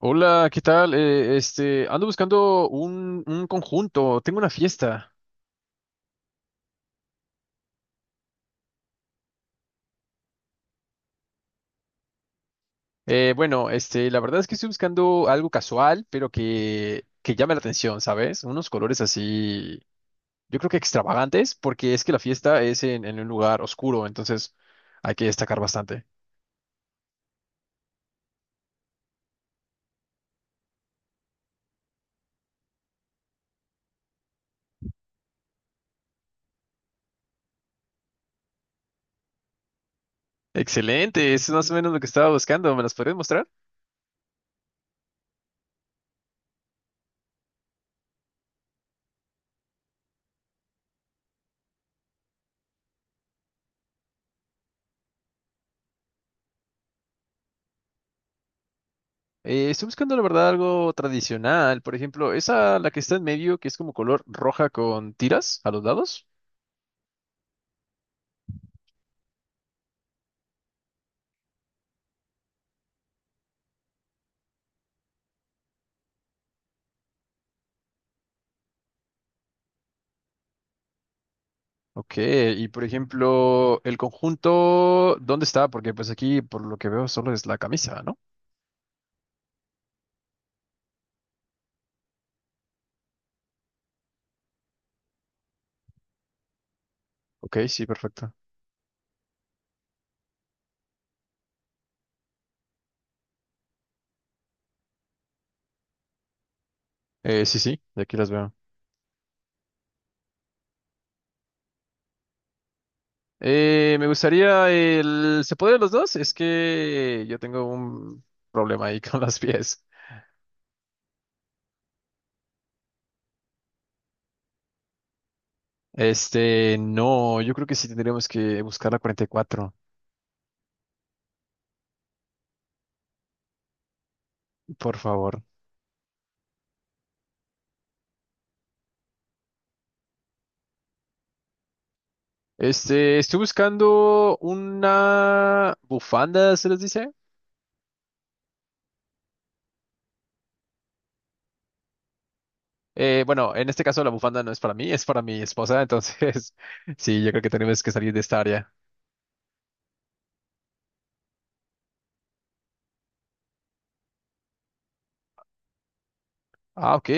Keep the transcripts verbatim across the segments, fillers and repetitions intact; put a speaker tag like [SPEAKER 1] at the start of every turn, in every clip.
[SPEAKER 1] Hola, ¿qué tal? Eh, este, ando buscando un, un conjunto, tengo una fiesta. Eh, bueno, este, la verdad es que estoy buscando algo casual, pero que, que llame la atención, ¿sabes? Unos colores así, yo creo que extravagantes, porque es que la fiesta es en, en un lugar oscuro, entonces hay que destacar bastante. Excelente, eso es más o menos lo que estaba buscando, ¿Me las podrías mostrar? Eh, estoy buscando, la verdad, algo tradicional, por ejemplo, esa, la que está en medio, que es como color roja con tiras a los lados. Ok, y por ejemplo, el conjunto, ¿dónde está? Porque pues aquí, por lo que veo, solo es la camisa, ¿no? Ok, sí, perfecto. Eh, sí, sí, de aquí las veo. Eh, me gustaría el... ¿Se puede los dos? Es que yo tengo un problema ahí con los pies. Este, no, yo creo que sí tendríamos que buscar la cuarenta y cuatro, por favor. Este, estoy buscando una bufanda, ¿se les dice? Eh, bueno, en este caso la bufanda no es para mí, es para mi esposa, entonces sí, yo creo que tenemos que salir de esta área. Ah, ok.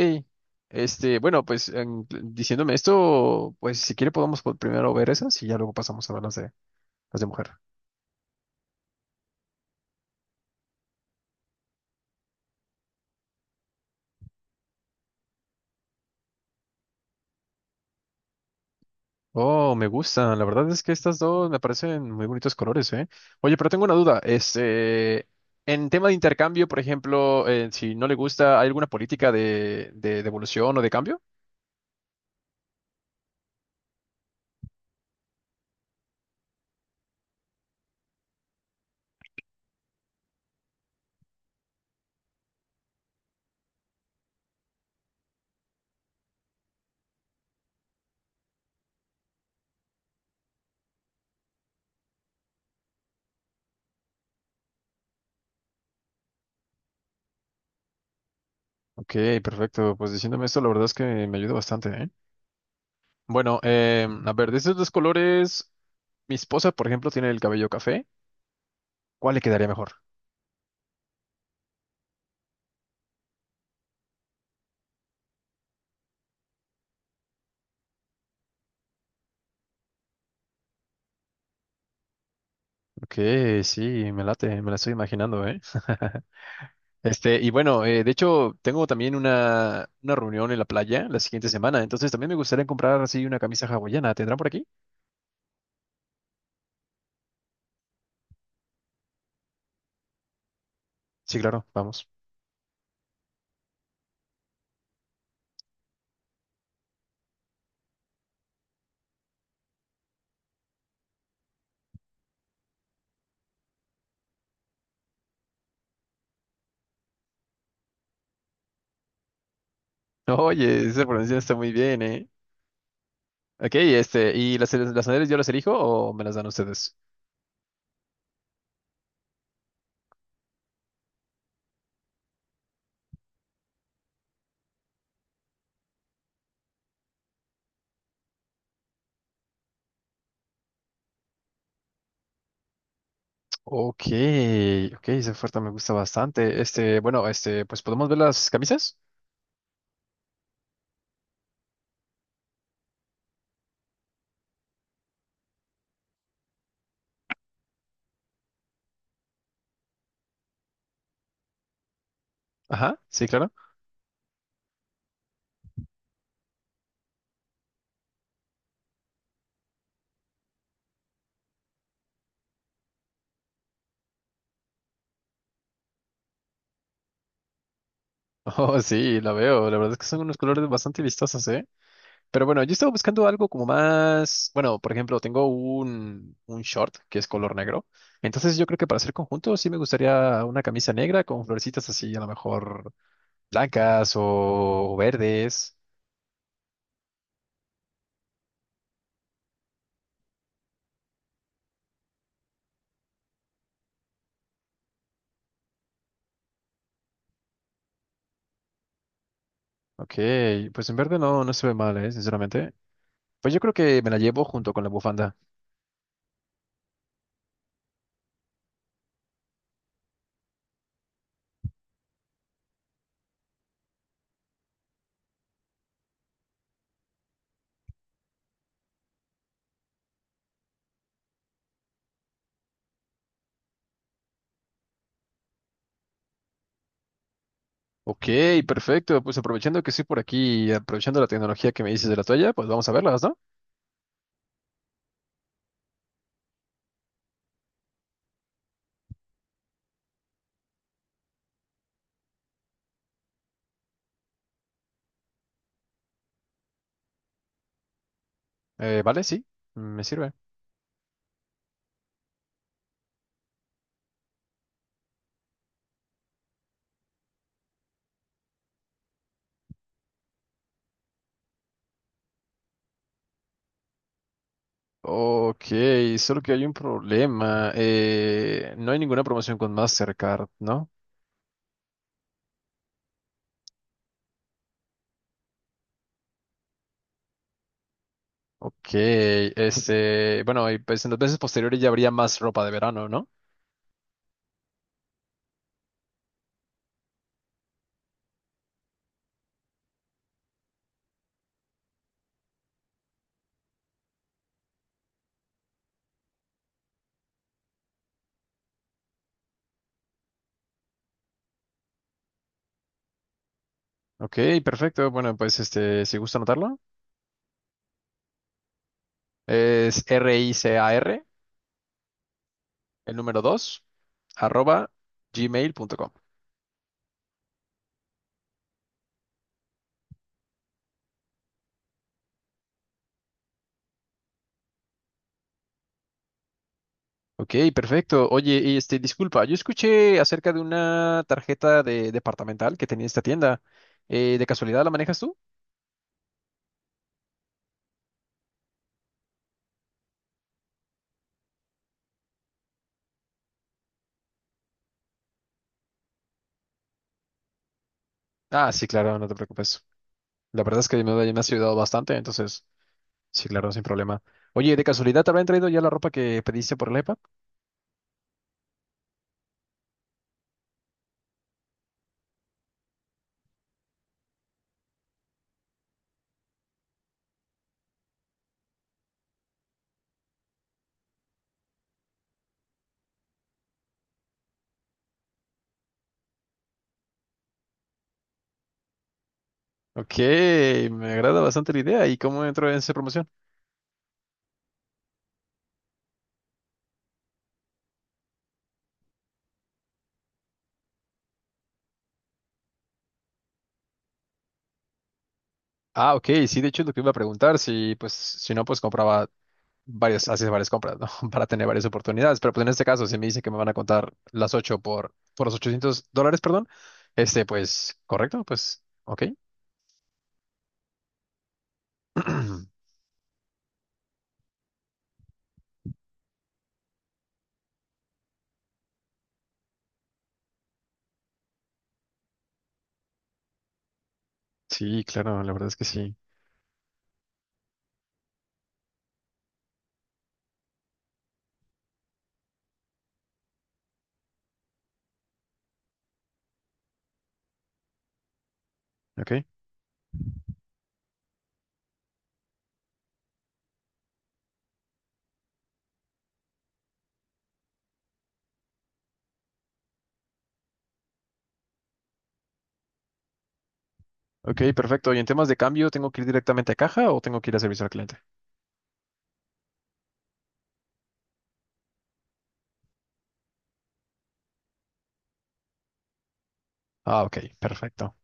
[SPEAKER 1] Este, bueno, pues en- diciéndome esto, pues si quiere podemos po- primero ver esas y ya luego pasamos a ver las de, las de mujer. Oh, me gustan. La verdad es que estas dos me parecen muy bonitos colores, ¿eh? Oye, pero tengo una duda. Este, en tema de intercambio, por ejemplo, eh, si no le gusta, ¿hay alguna política de, de devolución o de cambio? Ok, perfecto. Pues diciéndome esto, la verdad es que me ayuda bastante, ¿eh? Bueno, eh, a ver, de esos dos colores, mi esposa, por ejemplo, tiene el cabello café. ¿Cuál le quedaría mejor? Ok, sí, me late, me la estoy imaginando, ¿eh? Este, y bueno, eh, de hecho, tengo también una, una reunión en la playa la siguiente semana, entonces también me gustaría comprar así una camisa hawaiana. ¿Tendrán por aquí? Sí, claro, vamos. Oye, esa pronunciación está muy bien, ¿eh? Ok, este, ¿y las, las sandalias yo las elijo o me las dan ustedes? Ok, ok, esa oferta me gusta bastante. Este, bueno, este, pues podemos ver las camisas. Ajá, sí, claro. Oh, sí, la veo. La verdad es que son unos colores bastante vistosos, ¿eh? Pero bueno, yo estaba buscando algo como más. Bueno, por ejemplo, tengo un, un short que es color negro. Entonces, yo creo que para hacer conjunto sí me gustaría una camisa negra con florecitas así, a lo mejor blancas o, o verdes. Ok, pues en verde no, no se ve mal, ¿eh? Sinceramente. Pues yo creo que me la llevo junto con la bufanda. Ok, perfecto. Pues aprovechando que estoy por aquí, aprovechando la tecnología que me dices de la toalla, pues vamos a verlas, ¿no? Eh, vale, sí, me sirve. Ok, solo que hay un problema. Eh, no hay ninguna promoción con Mastercard, ¿no? Ok, este, bueno, y pues en las veces posteriores ya habría más ropa de verano, ¿no? Ok, perfecto. Bueno, pues este, si gusta anotarlo, es r i c a r, el número dos, arroba gmail.com. Ok, perfecto. Oye, y este, disculpa, yo escuché acerca de una tarjeta de departamental que tenía esta tienda. Eh, ¿de casualidad la manejas tú? Ah, sí, claro, no te preocupes. La verdad es que me, me has ayudado bastante, entonces, sí, claro, sin problema. Oye, ¿de casualidad te habrán traído ya la ropa que pediste por el iPad? Ok, me agrada bastante la idea. ¿Y cómo entró en esa promoción? Ah, ok, sí, de hecho es lo que iba a preguntar, si pues, si no, pues compraba varios, haces varias compras, ¿no? Para tener varias oportunidades. Pero pues en este caso, si me dicen que me van a contar las ocho por, por los ochocientos dólares, perdón, este, pues, correcto, pues, ok. Sí, claro, la verdad es que sí. Ok, ok, perfecto. ¿Y en temas de cambio, tengo que ir directamente a caja o tengo que ir a servicio al cliente? Ah, ok, perfecto.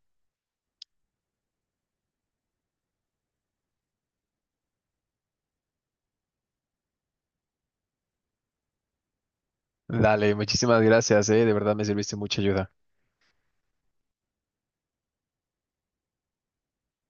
[SPEAKER 1] Dale, muchísimas gracias, eh. De verdad me serviste mucha ayuda.